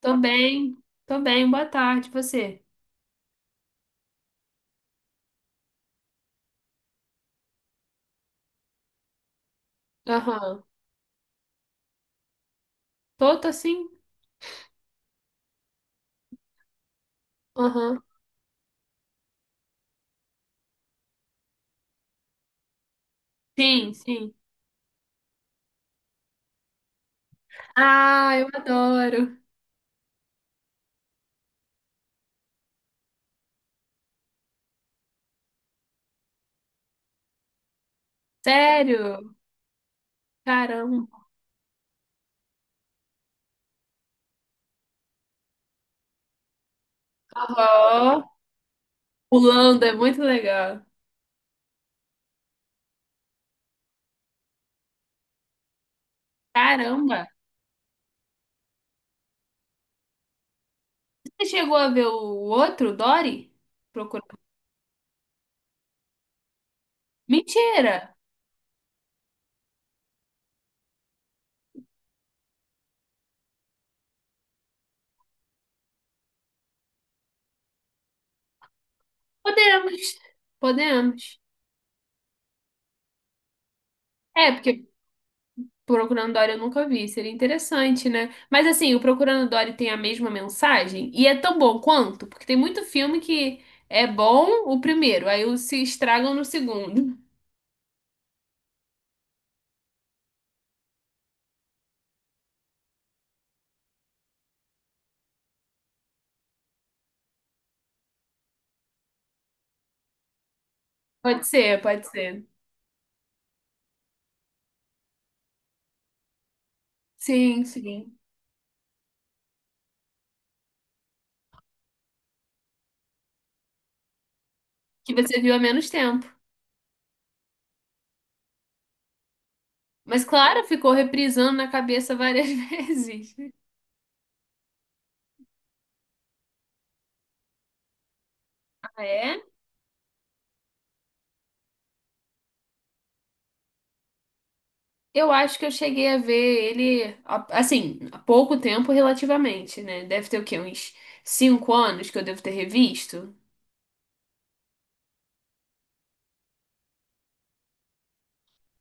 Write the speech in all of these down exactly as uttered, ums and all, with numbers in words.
Tô bem, tô bem, boa tarde, você? Aham. Tô, tô sim? Aham. Sim, sim. Ah, eu adoro. Sério? Caramba. Aham. Pulando, é muito legal. Caramba. Você chegou a ver o outro, Dory? Procurando. Mentira! Podemos, podemos. É, porque Procurando Dory eu nunca vi, seria interessante, né? Mas assim, o Procurando Dory tem a mesma mensagem e é tão bom quanto, porque tem muito filme que é bom o primeiro, aí os se estragam no segundo. Pode ser, pode ser. Sim, sim. Que você viu há menos tempo. Mas claro, ficou reprisando na cabeça várias vezes. Ah, é? Eu acho que eu cheguei a ver ele, a- assim, há pouco tempo relativamente, né? Deve ter o quê? Uns cinco anos que eu devo ter revisto.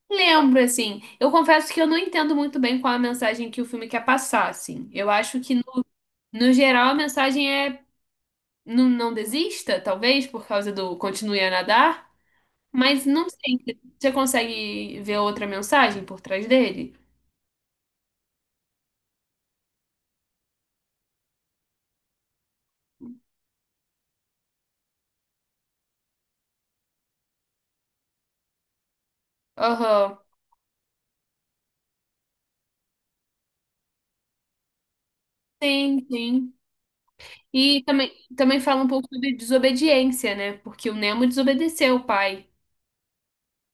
Lembro, assim. Eu confesso que eu não entendo muito bem qual a mensagem que o filme quer passar, assim. Eu acho que, no, no geral, a mensagem é não, não desista, talvez, por causa do continue a nadar. Mas não sei. Você consegue ver outra mensagem por trás dele? Aham. Sim, sim. E também, também fala um pouco sobre desobediência, né? Porque o Nemo desobedeceu o pai.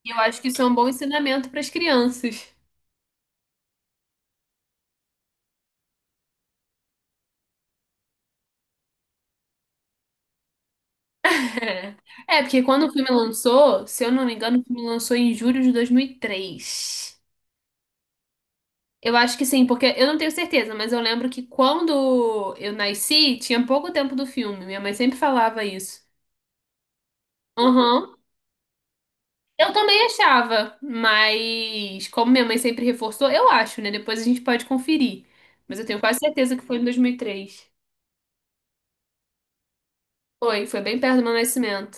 E eu acho que isso é um bom ensinamento para as crianças. É. É, porque quando o filme lançou, se eu não me engano, o filme lançou em julho de dois mil e três. Eu acho que sim, porque eu não tenho certeza, mas eu lembro que quando eu nasci, tinha pouco tempo do filme. Minha mãe sempre falava isso. Aham. Eu também achava, mas como minha mãe sempre reforçou, eu acho, né? Depois a gente pode conferir. Mas eu tenho quase certeza que foi em dois mil e três. Foi, foi bem perto do meu nascimento.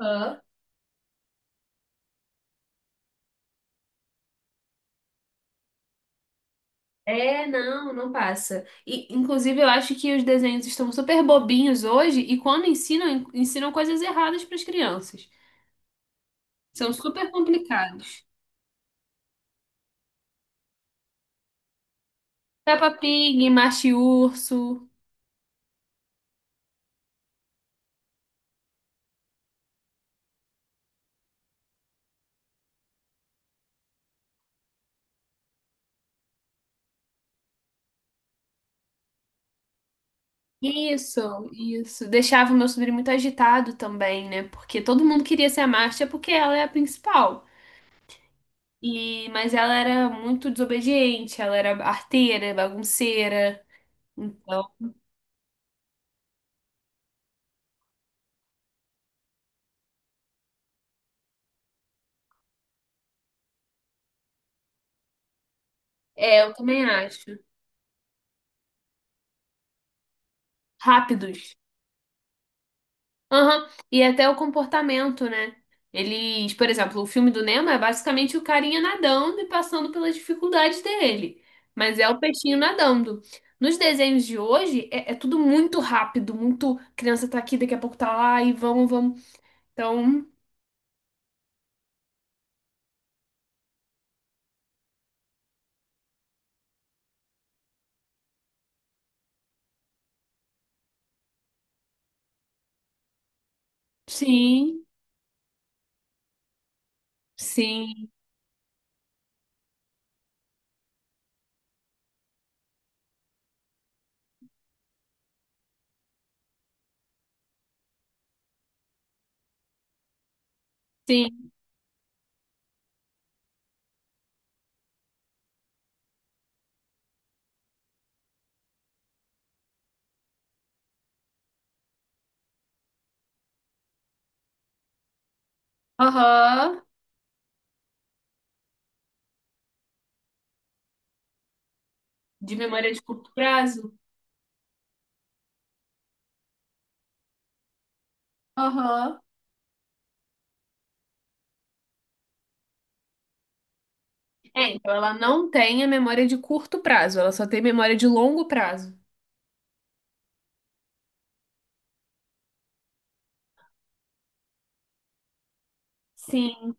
Aham. É, não, não passa. E, inclusive, eu acho que os desenhos estão super bobinhos hoje e quando ensinam, en- ensinam coisas erradas para as crianças. São super complicados. Peppa Pig, Macho e Urso. Isso, isso. Deixava o meu sobrinho muito agitado também, né? Porque todo mundo queria ser a Marcia porque ela é a principal. E, mas ela era muito desobediente, ela era arteira, bagunceira. Então, é, eu também acho. Rápidos. Aham. E até o comportamento, né? Eles, por exemplo, o filme do Nemo é basicamente o carinha nadando e passando pelas dificuldades dele. Mas é o peixinho nadando. Nos desenhos de hoje, é, é tudo muito rápido, muito criança tá aqui, daqui a pouco tá lá e vamos, vamos. Então, sim, sim, sim. Aham. De memória de curto prazo. Aham. É, então ela não tem a memória de curto prazo, ela só tem memória de longo prazo. Sim.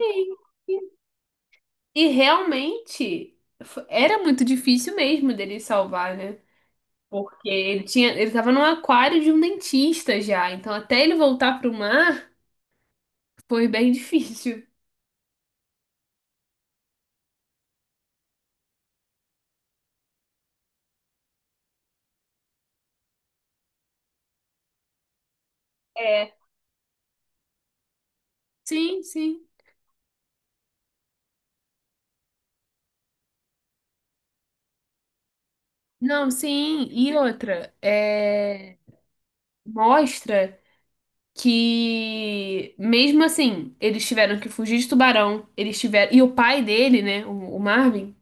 Sim. E realmente fo- era muito difícil mesmo dele salvar, né? Porque ele tinha, ele tava num aquário de um dentista já, então até ele voltar pro mar foi bem difícil. É. Sim, sim. Não, sim. E outra, é, mostra que mesmo assim, eles tiveram que fugir de tubarão, eles tiveram, e o pai dele, né, o, o Marvin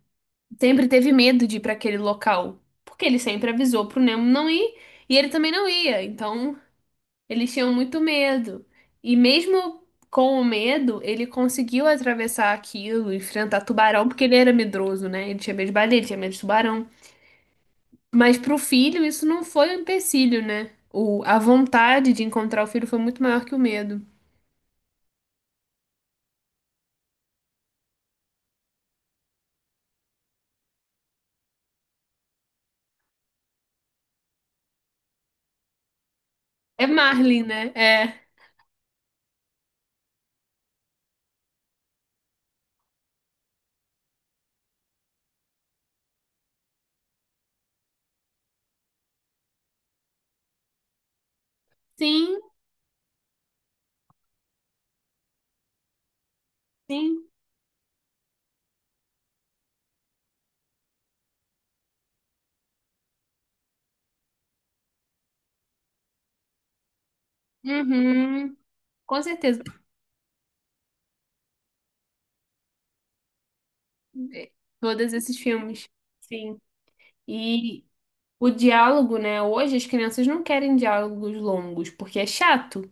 sempre teve medo de ir para aquele local, porque ele sempre avisou pro Nemo não ir e ele também não ia. Então, eles tinham muito medo. E mesmo com o medo, ele conseguiu atravessar aquilo, enfrentar tubarão, porque ele era medroso, né? Ele tinha medo de baleia, ele tinha medo de tubarão. Mas pro filho, isso não foi um empecilho, né? O, a vontade de encontrar o filho foi muito maior que o medo. É Marlin, né? É. Sim, sim. Uhum. Com certeza. Todos esses filmes. Sim. E o diálogo, né? Hoje as crianças não querem diálogos longos, porque é chato.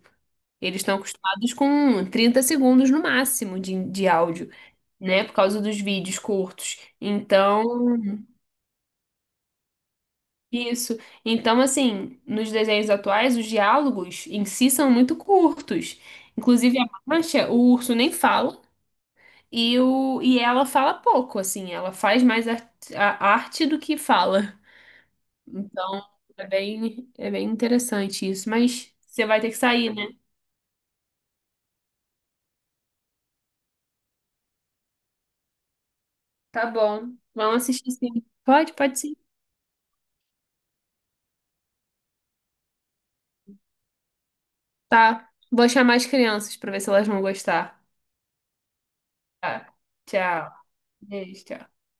Eles estão acostumados com trinta segundos no máximo de, de áudio, né? Por causa dos vídeos curtos. Então, isso. Então, assim, nos desenhos atuais, os diálogos em si são muito curtos. Inclusive, a Mancha, o urso nem fala. E, o, e ela fala pouco, assim, ela faz mais a, a arte do que fala. Então, é bem, é bem interessante isso. Mas você vai ter que sair, né? Tá bom. Vamos assistir sim. Pode, pode sim. Tá. Vou chamar as crianças para ver se elas vão gostar. Tá. Tchau. Beijo, tchau.